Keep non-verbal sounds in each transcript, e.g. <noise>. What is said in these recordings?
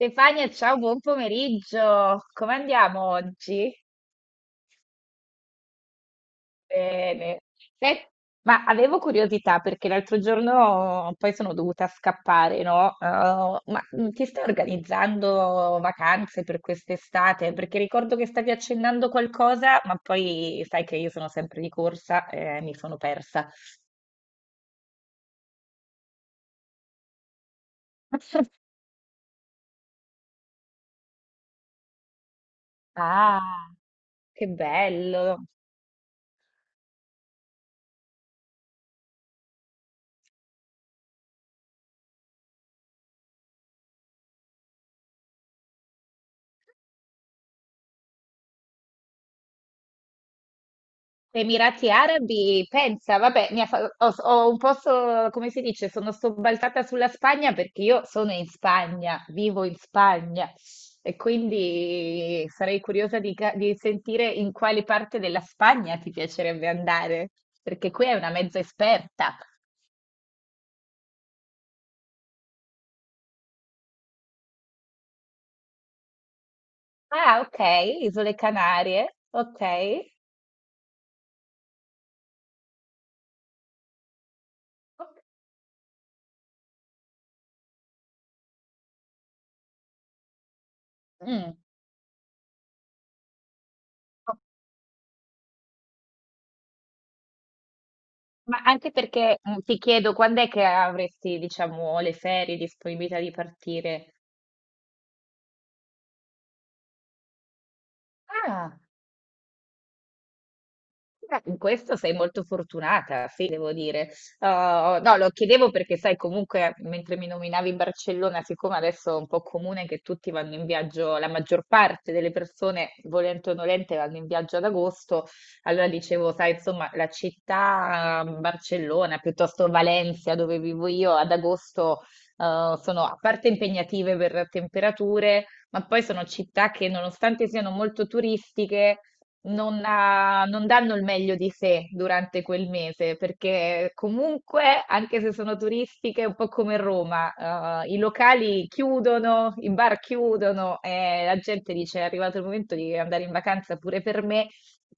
Stefania, ciao, buon pomeriggio. Come andiamo oggi? Bene. Sai- ma avevo curiosità perché l'altro giorno poi sono dovuta scappare, no? Ma ti stai organizzando vacanze per quest'estate? Perché ricordo che stavi accennando qualcosa, ma poi sai che io sono sempre di corsa e mi sono persa. <laughs> Ah, che bello. Emirati Arabi, pensa, vabbè, ho un po', come si dice, sono sobbalzata sulla Spagna perché io sono in Spagna, vivo in Spagna, e quindi sarei curiosa di sentire in quale parte della Spagna ti piacerebbe andare, perché qui è una mezza esperta. Ah, ok. Isole Canarie, ok. Ok. Mm. Ma anche perché ti chiedo quando è che avresti, diciamo, le ferie, disponibilità di partire? Ah. Beh, in questo sei molto fortunata, sì, devo dire. No, lo chiedevo perché, sai, comunque, mentre mi nominavi Barcellona, siccome adesso è un po' comune che tutti vanno in viaggio, la maggior parte delle persone, volente o nolente, vanno in viaggio ad agosto. Allora dicevo, sai, insomma, la città Barcellona, piuttosto Valencia, dove vivo io, ad agosto, sono a parte impegnative per temperature, ma poi sono città che, nonostante siano molto turistiche, non danno il meglio di sé durante quel mese, perché comunque, anche se sono turistiche, un po' come Roma, i locali chiudono, i bar chiudono e la gente dice è arrivato il momento di andare in vacanza pure per me.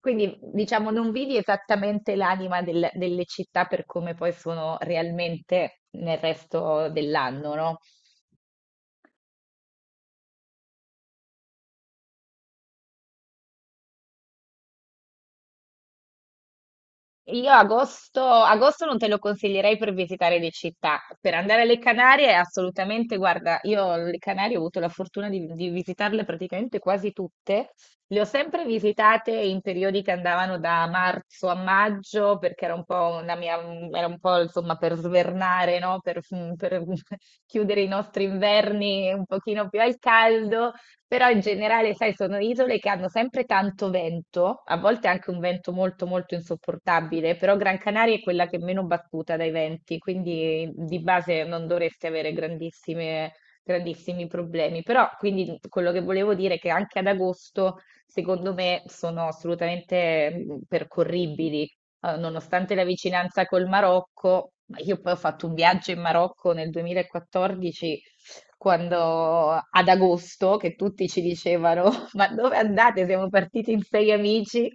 Quindi, diciamo, non vedi esattamente l'anima delle città per come poi sono realmente nel resto dell'anno, no? Io agosto, agosto non te lo consiglierei per visitare le città. Per andare alle Canarie, assolutamente, guarda, io le Canarie ho avuto la fortuna di visitarle praticamente quasi tutte. Le ho sempre visitate in periodi che andavano da marzo a maggio, perché era un po' una mia, era un po' insomma per svernare, no? Per <laughs> chiudere i nostri inverni un pochino più al caldo. Però in generale, sai, sono isole che hanno sempre tanto vento, a volte anche un vento molto molto insopportabile, però Gran Canaria è quella che è meno battuta dai venti, quindi di base non dovresti avere grandissime, grandissimi problemi. Però quindi quello che volevo dire è che anche ad agosto, secondo me, sono assolutamente percorribili, nonostante la vicinanza col Marocco. Ma io poi ho fatto un viaggio in Marocco nel 2014, quando ad agosto, che tutti ci dicevano: <laughs> ma dove andate? Siamo partiti in sei amici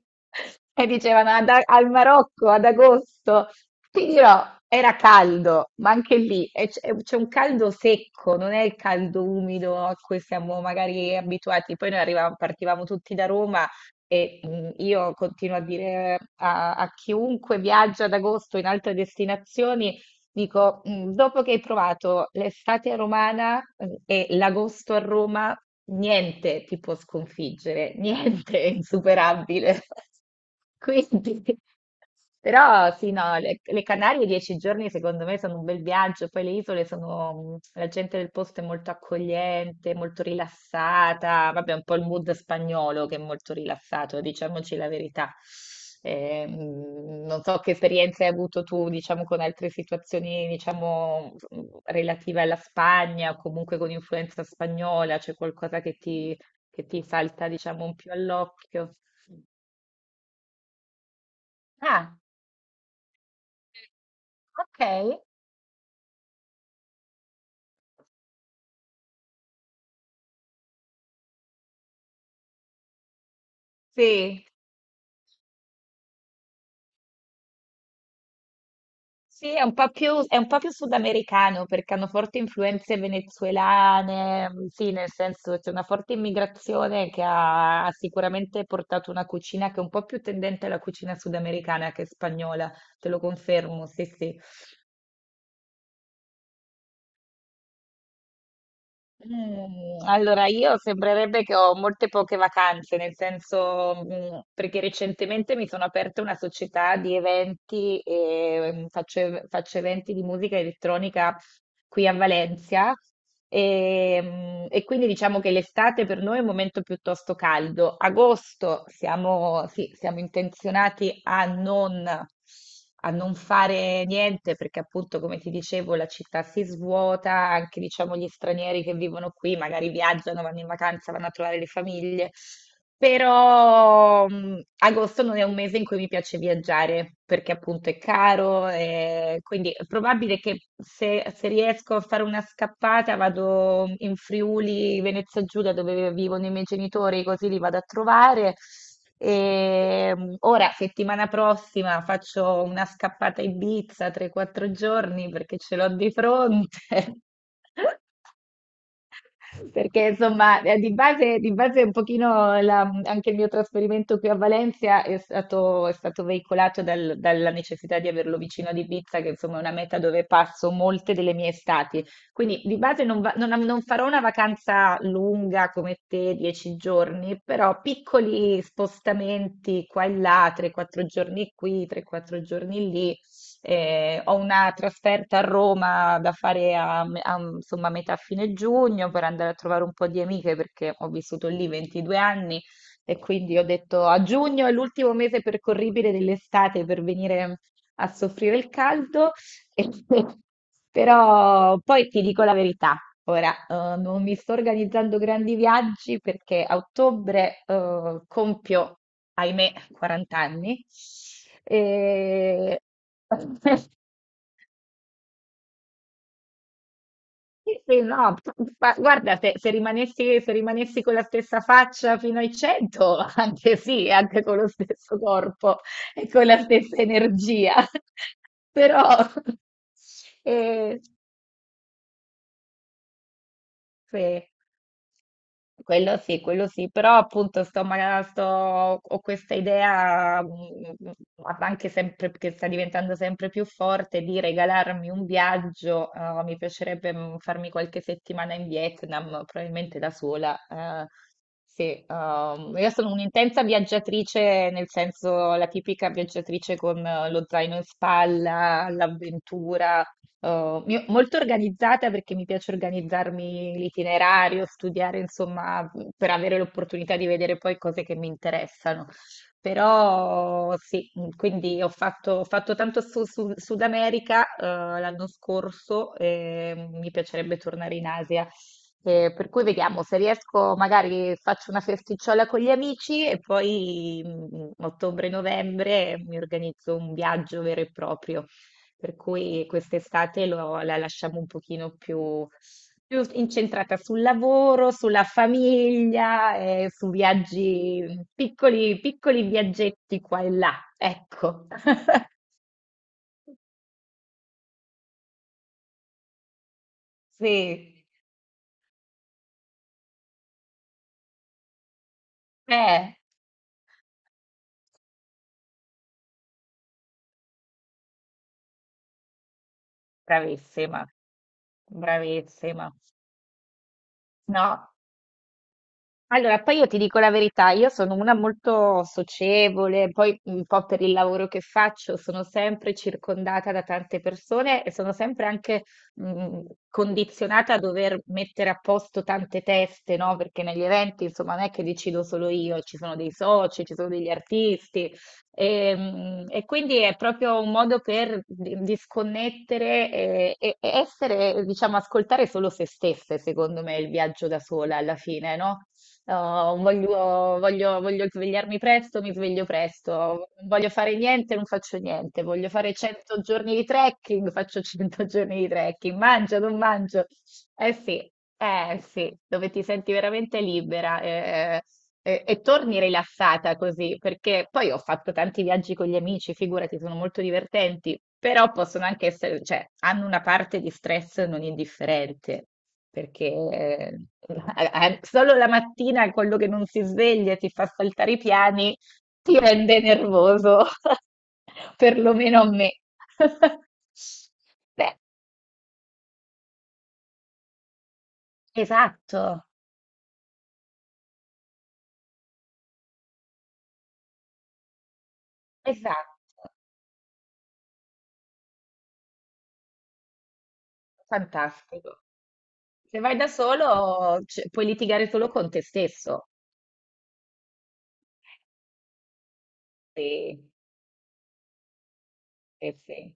e dicevano "Ad al Marocco ad agosto". Ti dirò, era caldo, ma anche lì c'è un caldo secco, non è il caldo umido a cui siamo magari abituati. Poi noi arrivavamo- partivamo tutti da Roma. E io continuo a dire a chiunque viaggia ad agosto in altre destinazioni. Dico, dopo che hai provato l'estate romana e l'agosto a Roma, niente ti può sconfiggere, <laughs> niente è insuperabile. <laughs> Quindi, però sì, no, le Canarie 10 giorni secondo me sono un bel viaggio, poi le isole sono, la gente del posto è molto accogliente, molto rilassata, vabbè, un po' il mood spagnolo che è molto rilassato, diciamoci la verità. Non so che esperienze hai avuto tu, diciamo, con altre situazioni, diciamo, relative alla Spagna o comunque con influenza spagnola, c'è qualcosa che ti, salta, diciamo, un più all'occhio? Ah, ok, sì. Sì, è un po' più, è un po' più sudamericano perché hanno forti influenze venezuelane, sì, nel senso c'è una forte immigrazione che ha, ha sicuramente portato una cucina che è un po' più tendente alla cucina sudamericana che spagnola, te lo confermo, sì, sì. Allora, io sembrerebbe che ho molte poche vacanze, nel senso, perché recentemente mi sono aperta una società di eventi e faccio eventi di musica elettronica qui a Valencia. E quindi diciamo che l'estate per noi è un momento piuttosto caldo. Agosto siamo, sì, siamo intenzionati a non fare niente perché appunto, come ti dicevo, la città si svuota, anche diciamo gli stranieri che vivono qui magari viaggiano, vanno in vacanza, vanno a trovare le famiglie. Però agosto non è un mese in cui mi piace viaggiare perché appunto è caro, e quindi è probabile che se riesco a fare una scappata vado in Friuli, Venezia Giulia dove vivono i miei genitori, così li vado a trovare. E, ora, settimana prossima, faccio una scappata a Ibiza 3-4 giorni perché ce l'ho di fronte. <laughs> Perché insomma, di base un pochino anche il mio trasferimento qui a Valencia è stato veicolato dalla necessità di averlo vicino ad Ibiza, che insomma è una meta dove passo molte delle mie estati. Quindi di base non, non farò una vacanza lunga come te, 10 giorni, però piccoli spostamenti qua e là, 3-4 giorni qui, 3-4 giorni lì. Ho una trasferta a Roma da fare insomma, metà fine giugno per andare a trovare un po' di amiche perché ho vissuto lì 22 anni, e quindi ho detto a giugno è l'ultimo mese percorribile dell'estate per venire a soffrire il caldo. <laughs> Però poi ti dico la verità, ora non mi sto organizzando grandi viaggi perché a ottobre compio, ahimè, 40 anni. E... <laughs> Sì, no, ma guarda, se rimanessi con la stessa faccia fino ai 100, <laughs> anche sì, anche con lo stesso corpo e con la stessa energia. <laughs> Però, eh, sì. Quello sì, quello sì, però appunto ho questa idea, anche sempre, che sta diventando sempre più forte, di regalarmi un viaggio. Mi piacerebbe farmi qualche settimana in Vietnam, probabilmente da sola. Sì, io sono un'intensa viaggiatrice, nel senso la tipica viaggiatrice con lo zaino in spalla, l'avventura. Molto organizzata perché mi piace organizzarmi l'itinerario, studiare, insomma, per avere l'opportunità di vedere poi cose che mi interessano. Però sì, quindi ho fatto tanto su, Sud America l'anno scorso e mi piacerebbe tornare in Asia. Per cui vediamo se riesco, magari faccio una festicciola con gli amici e poi ottobre-novembre mi organizzo un viaggio vero e proprio. Per cui quest'estate la lasciamo un pochino più, incentrata sul lavoro, sulla famiglia, e su viaggi, piccoli, piccoli viaggetti qua e là. Ecco. <laughs> Sì, eh, bravissima, bravissima. No. Allora, poi io ti dico la verità, io sono una molto socievole, poi un po' per il lavoro che faccio sono sempre circondata da tante persone e sono sempre anche mh, condizionata a dover mettere a posto tante teste, no? Perché negli eventi, insomma, non è che decido solo io, ci sono dei soci, ci sono degli artisti e quindi è proprio un modo per disconnettere e essere, diciamo, ascoltare solo se stesse, secondo me, il viaggio da sola alla fine, no? Oh, voglio svegliarmi presto, mi sveglio presto. Non voglio fare niente, non faccio niente. Voglio fare 100 giorni di trekking, <laughs> faccio 100 giorni di trekking. Mangio, non mangio. Eh sì, eh sì, dove ti senti veramente libera. E torni rilassata così, perché poi ho fatto tanti viaggi con gli amici, figurati, sono molto divertenti, però possono anche essere, cioè, hanno una parte di stress non indifferente, perché eh, solo la mattina quello che non si sveglia e ti fa saltare i piani ti rende nervoso, <laughs> perlomeno a me. <laughs> Beh, esatto, esatto, fantastico. Se vai da solo, cioè, puoi litigare solo con te stesso. Sì, sì, sì.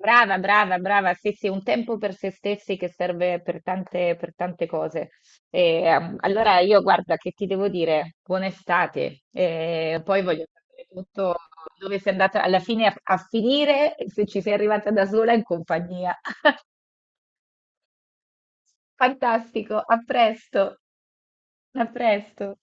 Brava, brava, brava. Sì, sì, un tempo per se stessi che serve per tante cose. E, allora io guarda che ti devo dire, buona estate. E poi voglio sapere tutto dove sei andata alla fine a finire, e se ci sei arrivata da sola in compagnia. <laughs> Fantastico, a presto, a presto.